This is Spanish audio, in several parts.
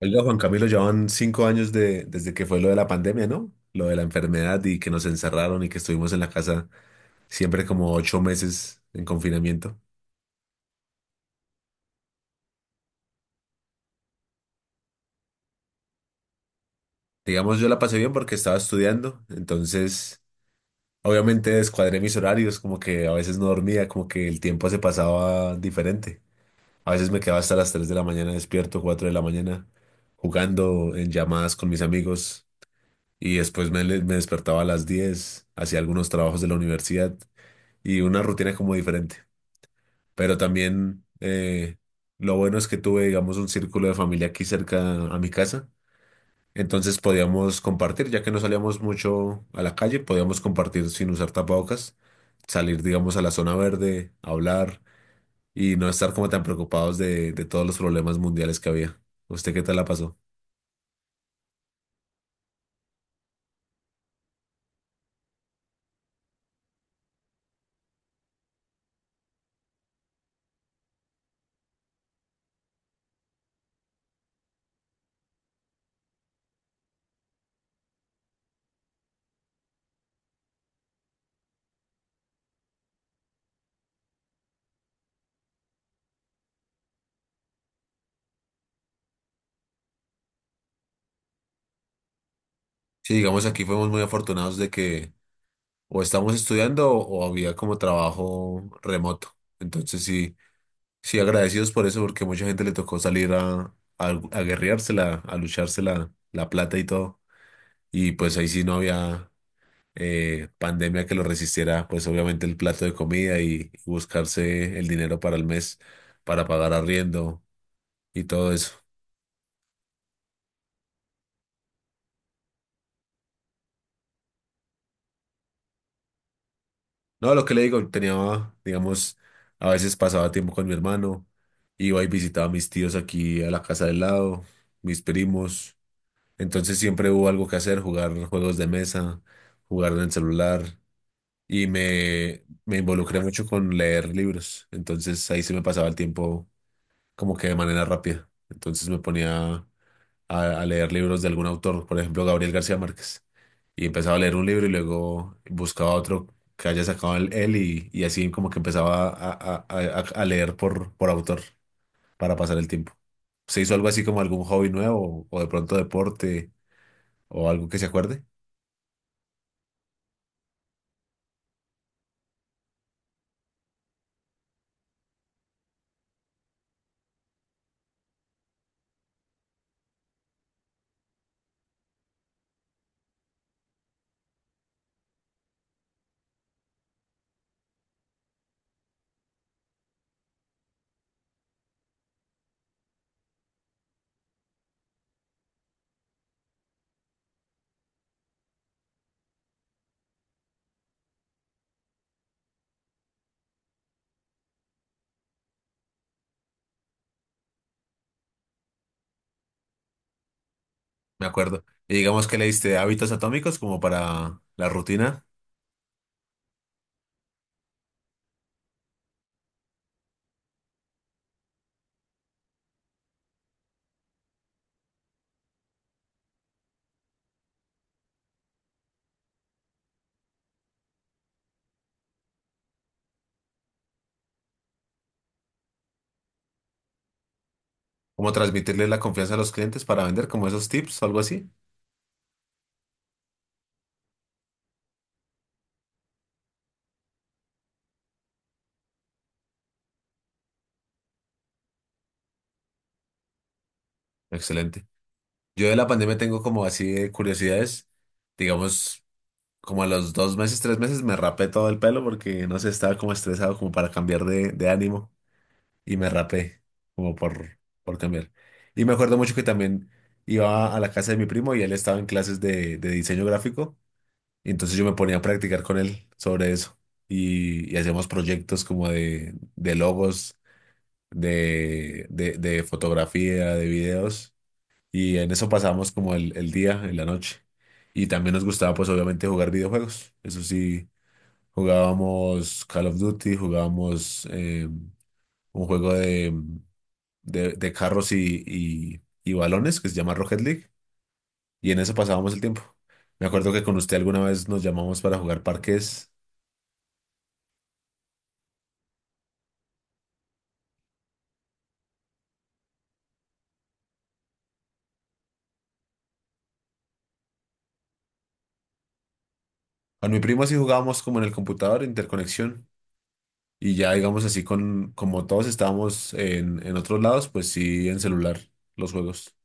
Oiga, Juan Camilo, ya van 5 años desde que fue lo de la pandemia, ¿no? Lo de la enfermedad y que nos encerraron y que estuvimos en la casa siempre como 8 meses en confinamiento. Digamos, yo la pasé bien porque estaba estudiando, entonces obviamente descuadré mis horarios, como que a veces no dormía, como que el tiempo se pasaba diferente. A veces me quedaba hasta las 3 de la mañana despierto, 4 de la mañana, jugando en llamadas con mis amigos y después me despertaba a las 10, hacía algunos trabajos de la universidad. Y una rutina como diferente. Pero también lo bueno es que tuve, digamos, un círculo de familia aquí cerca a mi casa. Entonces podíamos compartir, ya que no salíamos mucho a la calle, podíamos compartir sin usar tapabocas, salir, digamos, a la zona verde, hablar y no estar como tan preocupados de todos los problemas mundiales que había. ¿Usted qué tal la pasó? Sí, digamos, aquí fuimos muy afortunados de que o estábamos estudiando o había como trabajo remoto. Entonces sí. Sí, agradecidos por eso, porque mucha gente le tocó salir a guerreársela, a lucharse la plata y todo. Y pues ahí sí no había pandemia que lo resistiera, pues obviamente el plato de comida y buscarse el dinero para el mes, para pagar arriendo y todo eso. No, lo que le digo, tenía, digamos, a veces pasaba tiempo con mi hermano, iba y visitaba a mis tíos aquí a la casa del lado, mis primos. Entonces siempre hubo algo que hacer, jugar juegos de mesa, jugar en el celular y me involucré mucho con leer libros. Entonces ahí sí me pasaba el tiempo como que de manera rápida. Entonces me ponía a leer libros de algún autor, por ejemplo Gabriel García Márquez. Y empezaba a leer un libro y luego buscaba otro que haya sacado él y así como que empezaba a leer por autor para pasar el tiempo. ¿Se hizo algo así como algún hobby nuevo o de pronto deporte o algo que se acuerde? Me acuerdo. Y digamos que le diste hábitos atómicos como para la rutina, como transmitirle la confianza a los clientes para vender, como esos tips o algo así. Excelente. Yo de la pandemia tengo como así de curiosidades, digamos, como a los 2 meses, 3 meses me rapé todo el pelo porque no sé, estaba como estresado como para cambiar de ánimo y me rapé como por cambiar. Y me acuerdo mucho que también iba a la casa de mi primo y él estaba en clases de diseño gráfico. Y entonces yo me ponía a practicar con él sobre eso y hacíamos proyectos como de logos, de fotografía, de videos y en eso pasábamos como el día, en la noche. Y también nos gustaba pues obviamente jugar videojuegos. Eso sí, jugábamos Call of Duty, jugábamos un juego de, de carros y balones que se llama Rocket League y en eso pasábamos el tiempo. Me acuerdo que con usted alguna vez nos llamamos para jugar parques. Con mi primo así jugábamos como en el computador, interconexión. Y ya, digamos así, como todos estábamos en otros lados, pues sí, en celular, los juegos.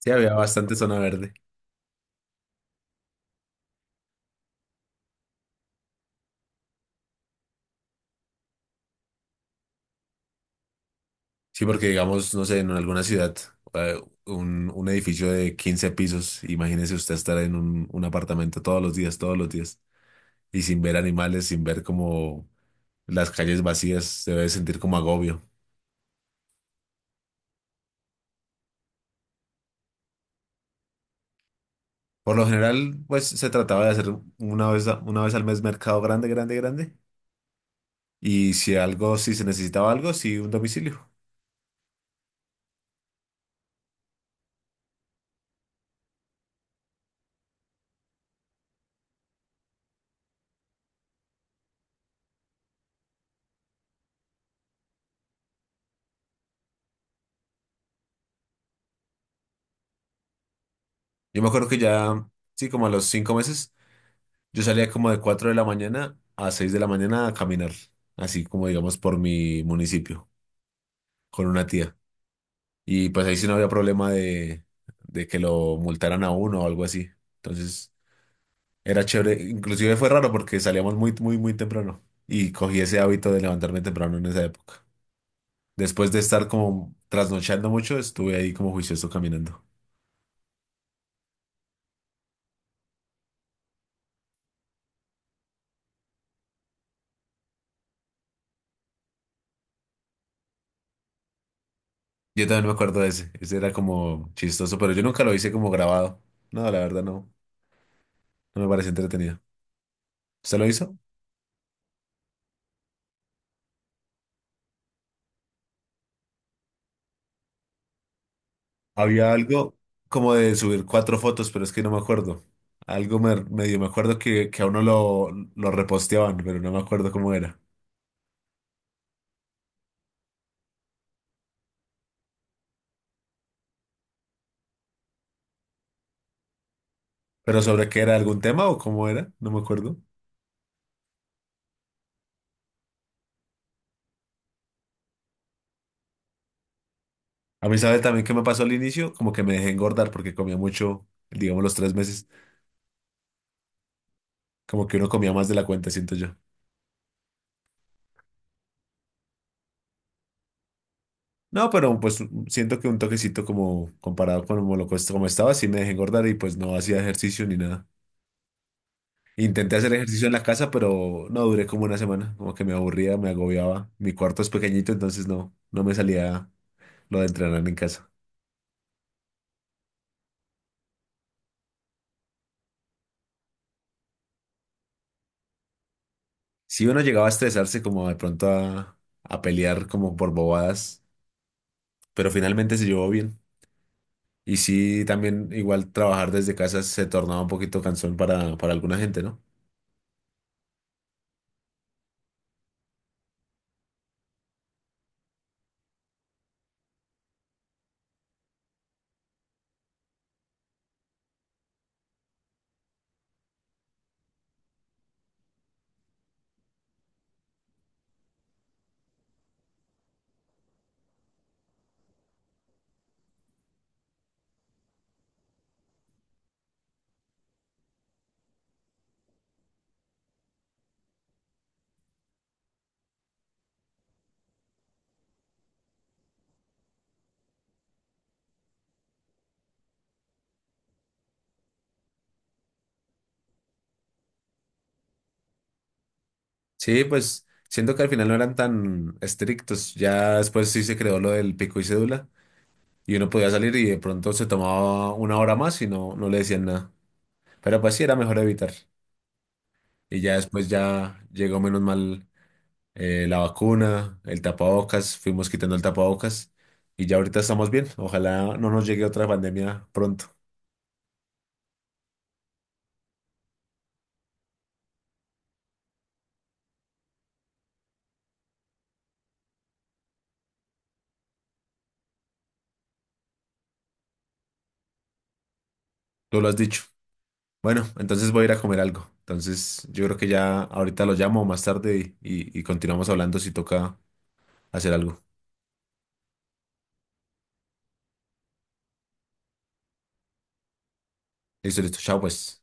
Sí, había bastante zona verde. Sí, porque digamos, no sé, en alguna ciudad, eh, un edificio de 15 pisos, imagínese usted estar en un apartamento todos los días, y sin ver animales, sin ver como las calles vacías, se debe sentir como agobio. Por lo general, pues se trataba de hacer una vez, una vez al mes mercado grande, grande, grande. Y si algo, si se necesitaba algo, sí, un domicilio. Yo me acuerdo que ya, sí, como a los 5 meses, yo salía como de 4 de la mañana a 6 de la mañana a caminar, así como digamos por mi municipio, con una tía. Y pues ahí sí no había problema de que lo multaran a uno o algo así. Entonces era chévere, inclusive fue raro porque salíamos muy, muy, muy temprano y cogí ese hábito de levantarme temprano en esa época. Después de estar como trasnochando mucho, estuve ahí como juicioso caminando. Yo también me acuerdo de ese. Ese era como chistoso, pero yo nunca lo hice como grabado. No, la verdad no. No me pareció entretenido. ¿Usted lo hizo? Había algo como de subir cuatro fotos, pero es que no me acuerdo. Algo medio me acuerdo que a uno lo reposteaban, pero no me acuerdo cómo era. ¿Pero sobre qué era? ¿Algún tema o cómo era? No me acuerdo. A mí, ¿sabe también qué me pasó al inicio? Como que me dejé engordar porque comía mucho, digamos, los 3 meses. Como que uno comía más de la cuenta, siento yo. No, pero pues siento que un toquecito como comparado con como lo que como estaba, sí me dejé engordar y pues no hacía ejercicio ni nada. Intenté hacer ejercicio en la casa, pero no duré como una semana, como que me aburría, me agobiaba. Mi cuarto es pequeñito, entonces no, no me salía lo de entrenar en casa. Si uno llegaba a estresarse como de pronto a pelear como por bobadas, pero finalmente se llevó bien. Y sí, también igual trabajar desde casa se tornaba un poquito cansón para alguna gente, ¿no? Sí, pues siento que al final no eran tan estrictos. Ya después sí se creó lo del pico y cédula y uno podía salir y de pronto se tomaba una hora más y no, no le decían nada. Pero pues sí era mejor evitar. Y ya después ya llegó menos mal la vacuna, el tapabocas, fuimos quitando el tapabocas y ya ahorita estamos bien. Ojalá no nos llegue otra pandemia pronto. Tú lo has dicho. Bueno, entonces voy a ir a comer algo. Entonces yo creo que ya ahorita lo llamo más tarde y continuamos hablando si toca hacer algo. Listo, listo. Chao, pues.